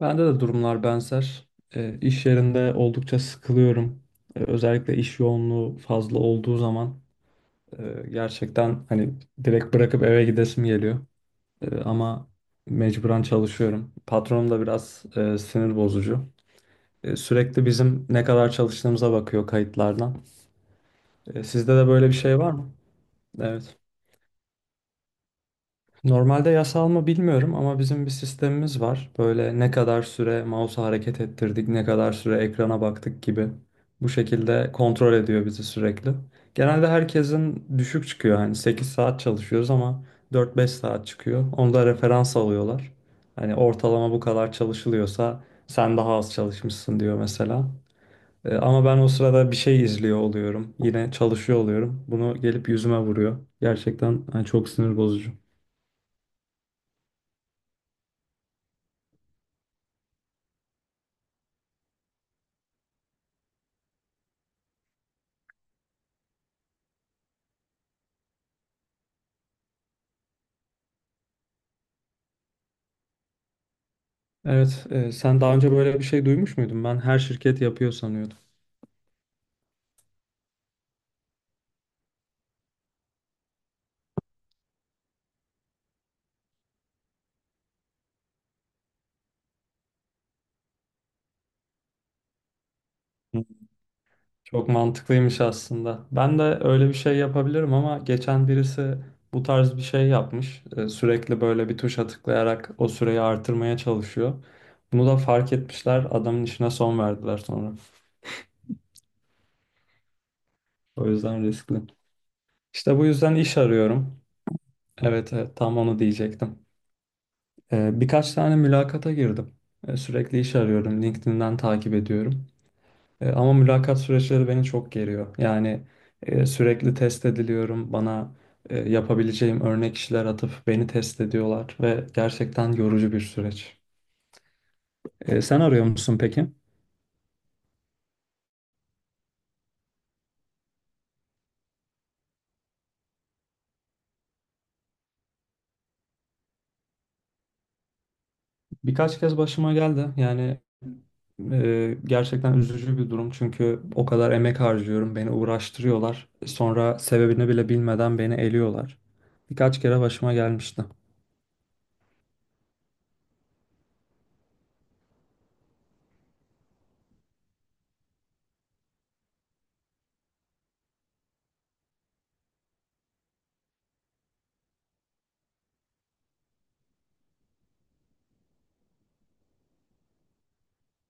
Bende de durumlar benzer. İş yerinde oldukça sıkılıyorum. Özellikle iş yoğunluğu fazla olduğu zaman gerçekten hani direkt bırakıp eve gidesim geliyor. Ama mecburen çalışıyorum. Patronum da biraz sinir bozucu. Sürekli bizim ne kadar çalıştığımıza bakıyor kayıtlardan. Sizde de böyle bir şey var mı? Evet. Normalde yasal mı bilmiyorum ama bizim bir sistemimiz var. Böyle ne kadar süre mouse'u hareket ettirdik, ne kadar süre ekrana baktık gibi. Bu şekilde kontrol ediyor bizi sürekli. Genelde herkesin düşük çıkıyor. Hani 8 saat çalışıyoruz ama 4-5 saat çıkıyor. Onu da referans alıyorlar. Hani ortalama bu kadar çalışılıyorsa sen daha az çalışmışsın diyor mesela. Ama ben o sırada bir şey izliyor oluyorum. Yine çalışıyor oluyorum. Bunu gelip yüzüme vuruyor. Gerçekten hani çok sinir bozucu. Evet, sen daha önce böyle bir şey duymuş muydun? Ben her şirket yapıyor sanıyordum. Hı. Çok mantıklıymış aslında. Ben de öyle bir şey yapabilirim ama geçen birisi bu tarz bir şey yapmış. Sürekli böyle bir tuşa tıklayarak o süreyi artırmaya çalışıyor. Bunu da fark etmişler. Adamın işine son verdiler sonra. O yüzden riskli. İşte bu yüzden iş arıyorum. Evet, evet tam onu diyecektim. Birkaç tane mülakata girdim. Sürekli iş arıyorum. LinkedIn'den takip ediyorum. Ama mülakat süreçleri beni çok geriyor. Yani sürekli test ediliyorum. Bana yapabileceğim örnek işler atıp beni test ediyorlar ve gerçekten yorucu bir süreç. Sen arıyor musun peki? Birkaç kez başıma geldi. Yani gerçekten üzücü bir durum çünkü o kadar emek harcıyorum, beni uğraştırıyorlar. Sonra sebebini bile bilmeden beni eliyorlar. Birkaç kere başıma gelmişti.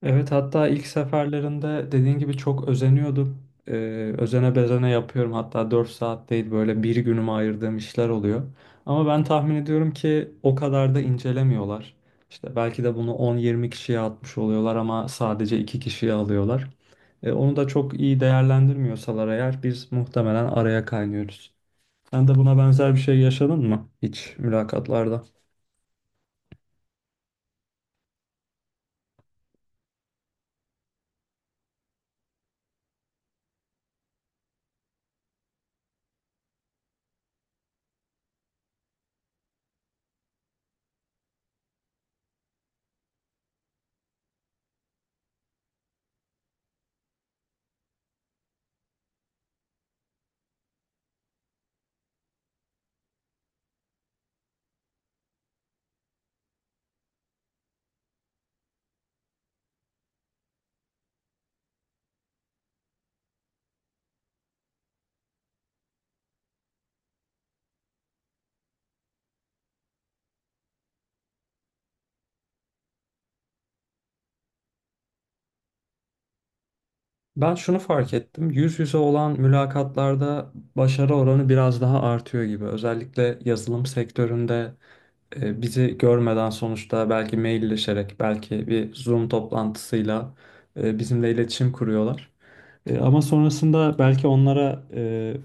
Evet, hatta ilk seferlerinde dediğin gibi çok özeniyordum. E, Özene bezene yapıyorum. Hatta 4 saat değil böyle bir günümü ayırdığım işler oluyor. Ama ben tahmin ediyorum ki o kadar da incelemiyorlar. İşte belki de bunu on, yirmi kişiye atmış oluyorlar ama sadece 2 kişiye alıyorlar. Onu da çok iyi değerlendirmiyorsalar eğer biz muhtemelen araya kaynıyoruz. Sen de buna benzer bir şey yaşadın mı hiç mülakatlarda? Ben şunu fark ettim. Yüz yüze olan mülakatlarda başarı oranı biraz daha artıyor gibi. Özellikle yazılım sektöründe bizi görmeden sonuçta belki mailleşerek, belki bir Zoom toplantısıyla bizimle iletişim kuruyorlar. Ama sonrasında belki onlara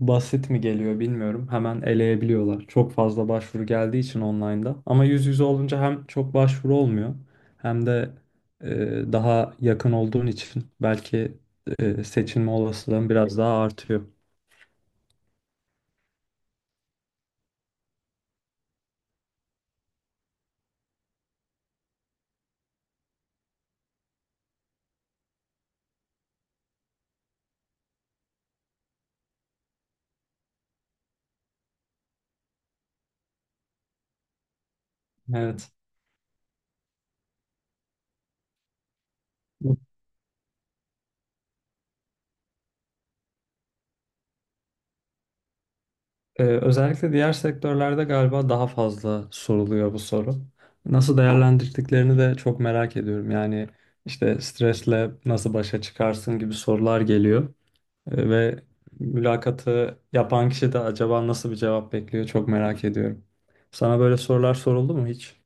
basit mi geliyor bilmiyorum. Hemen eleyebiliyorlar. Çok fazla başvuru geldiği için online'da. Ama yüz yüze olunca hem çok başvuru olmuyor hem de daha yakın olduğun için belki seçilme olasılığın biraz daha artıyor. Evet. Özellikle diğer sektörlerde galiba daha fazla soruluyor bu soru. Nasıl değerlendirdiklerini de çok merak ediyorum. Yani işte stresle nasıl başa çıkarsın gibi sorular geliyor. Ve mülakatı yapan kişi de acaba nasıl bir cevap bekliyor çok merak ediyorum. Sana böyle sorular soruldu mu hiç?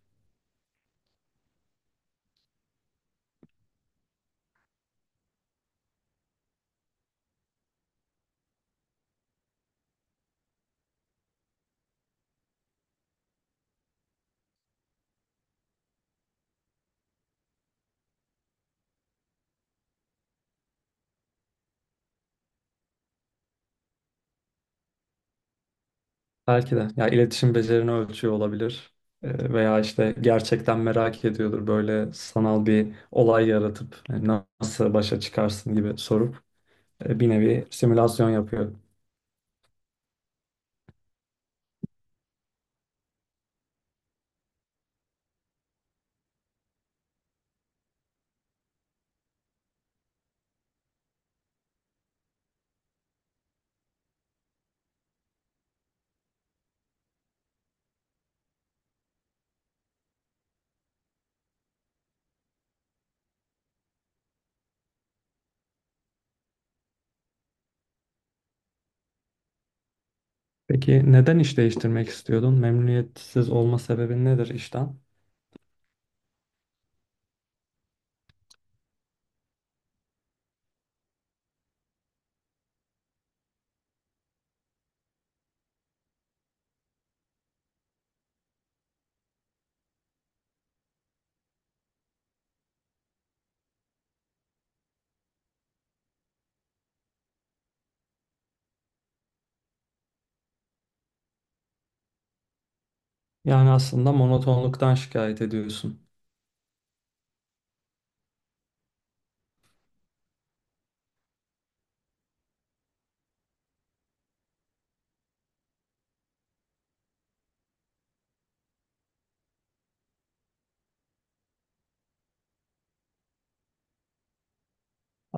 Belki de. Ya iletişim becerini ölçüyor olabilir. Veya işte gerçekten merak ediyordur böyle sanal bir olay yaratıp nasıl başa çıkarsın gibi sorup bir nevi simülasyon yapıyor. Peki neden iş değiştirmek istiyordun? Memnuniyetsiz olma sebebin nedir işten? Yani aslında monotonluktan şikayet ediyorsun.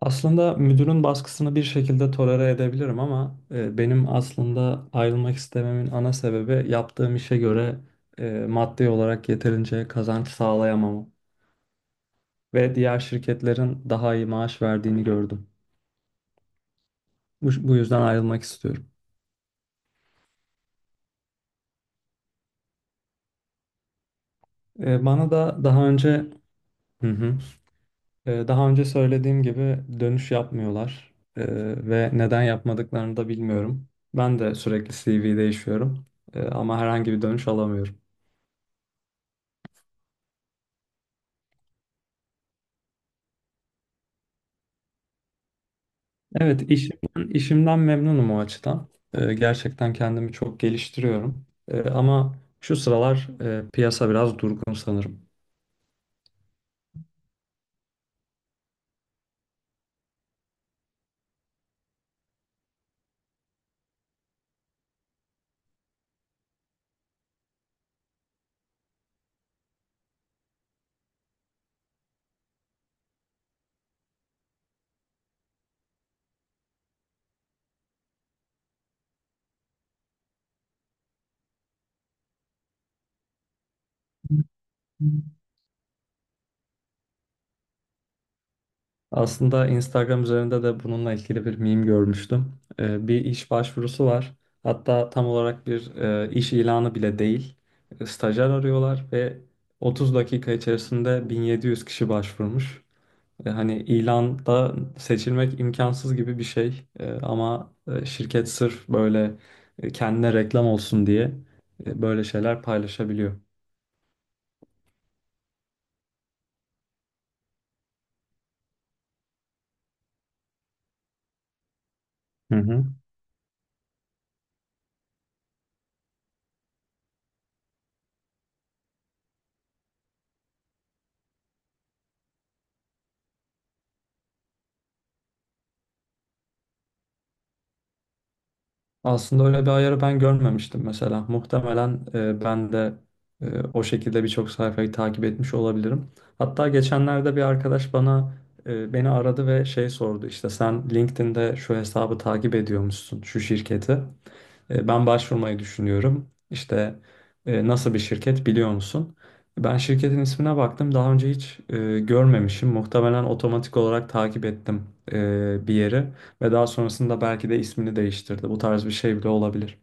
Aslında müdürün baskısını bir şekilde tolere edebilirim ama benim aslında ayrılmak istememin ana sebebi yaptığım işe göre maddi olarak yeterince kazanç sağlayamamam ve diğer şirketlerin daha iyi maaş verdiğini gördüm. Bu yüzden ayrılmak istiyorum. Bana da daha önce, hı hı, daha önce söylediğim gibi dönüş yapmıyorlar. Ve neden yapmadıklarını da bilmiyorum. Ben de sürekli CV değişiyorum, ama herhangi bir dönüş alamıyorum. Evet, işimden, işimden memnunum o açıdan. Gerçekten kendimi çok geliştiriyorum. Ama şu sıralar piyasa biraz durgun sanırım. Aslında Instagram üzerinde de bununla ilgili bir meme görmüştüm. Bir iş başvurusu var. Hatta tam olarak bir iş ilanı bile değil. Stajyer arıyorlar ve 30 dakika içerisinde 1700 kişi başvurmuş. Hani ilanda seçilmek imkansız gibi bir şey. Ama şirket sırf böyle kendine reklam olsun diye böyle şeyler paylaşabiliyor. Hı hı. Aslında öyle bir ayarı ben görmemiştim mesela. Muhtemelen ben de o şekilde birçok sayfayı takip etmiş olabilirim. Hatta geçenlerde bir arkadaş beni aradı ve şey sordu işte sen LinkedIn'de şu hesabı takip ediyormuşsun şu şirketi. Ben başvurmayı düşünüyorum. İşte nasıl bir şirket biliyor musun? Ben şirketin ismine baktım. Daha önce hiç görmemişim. Muhtemelen otomatik olarak takip ettim bir yeri ve daha sonrasında belki de ismini değiştirdi. Bu tarz bir şey bile olabilir.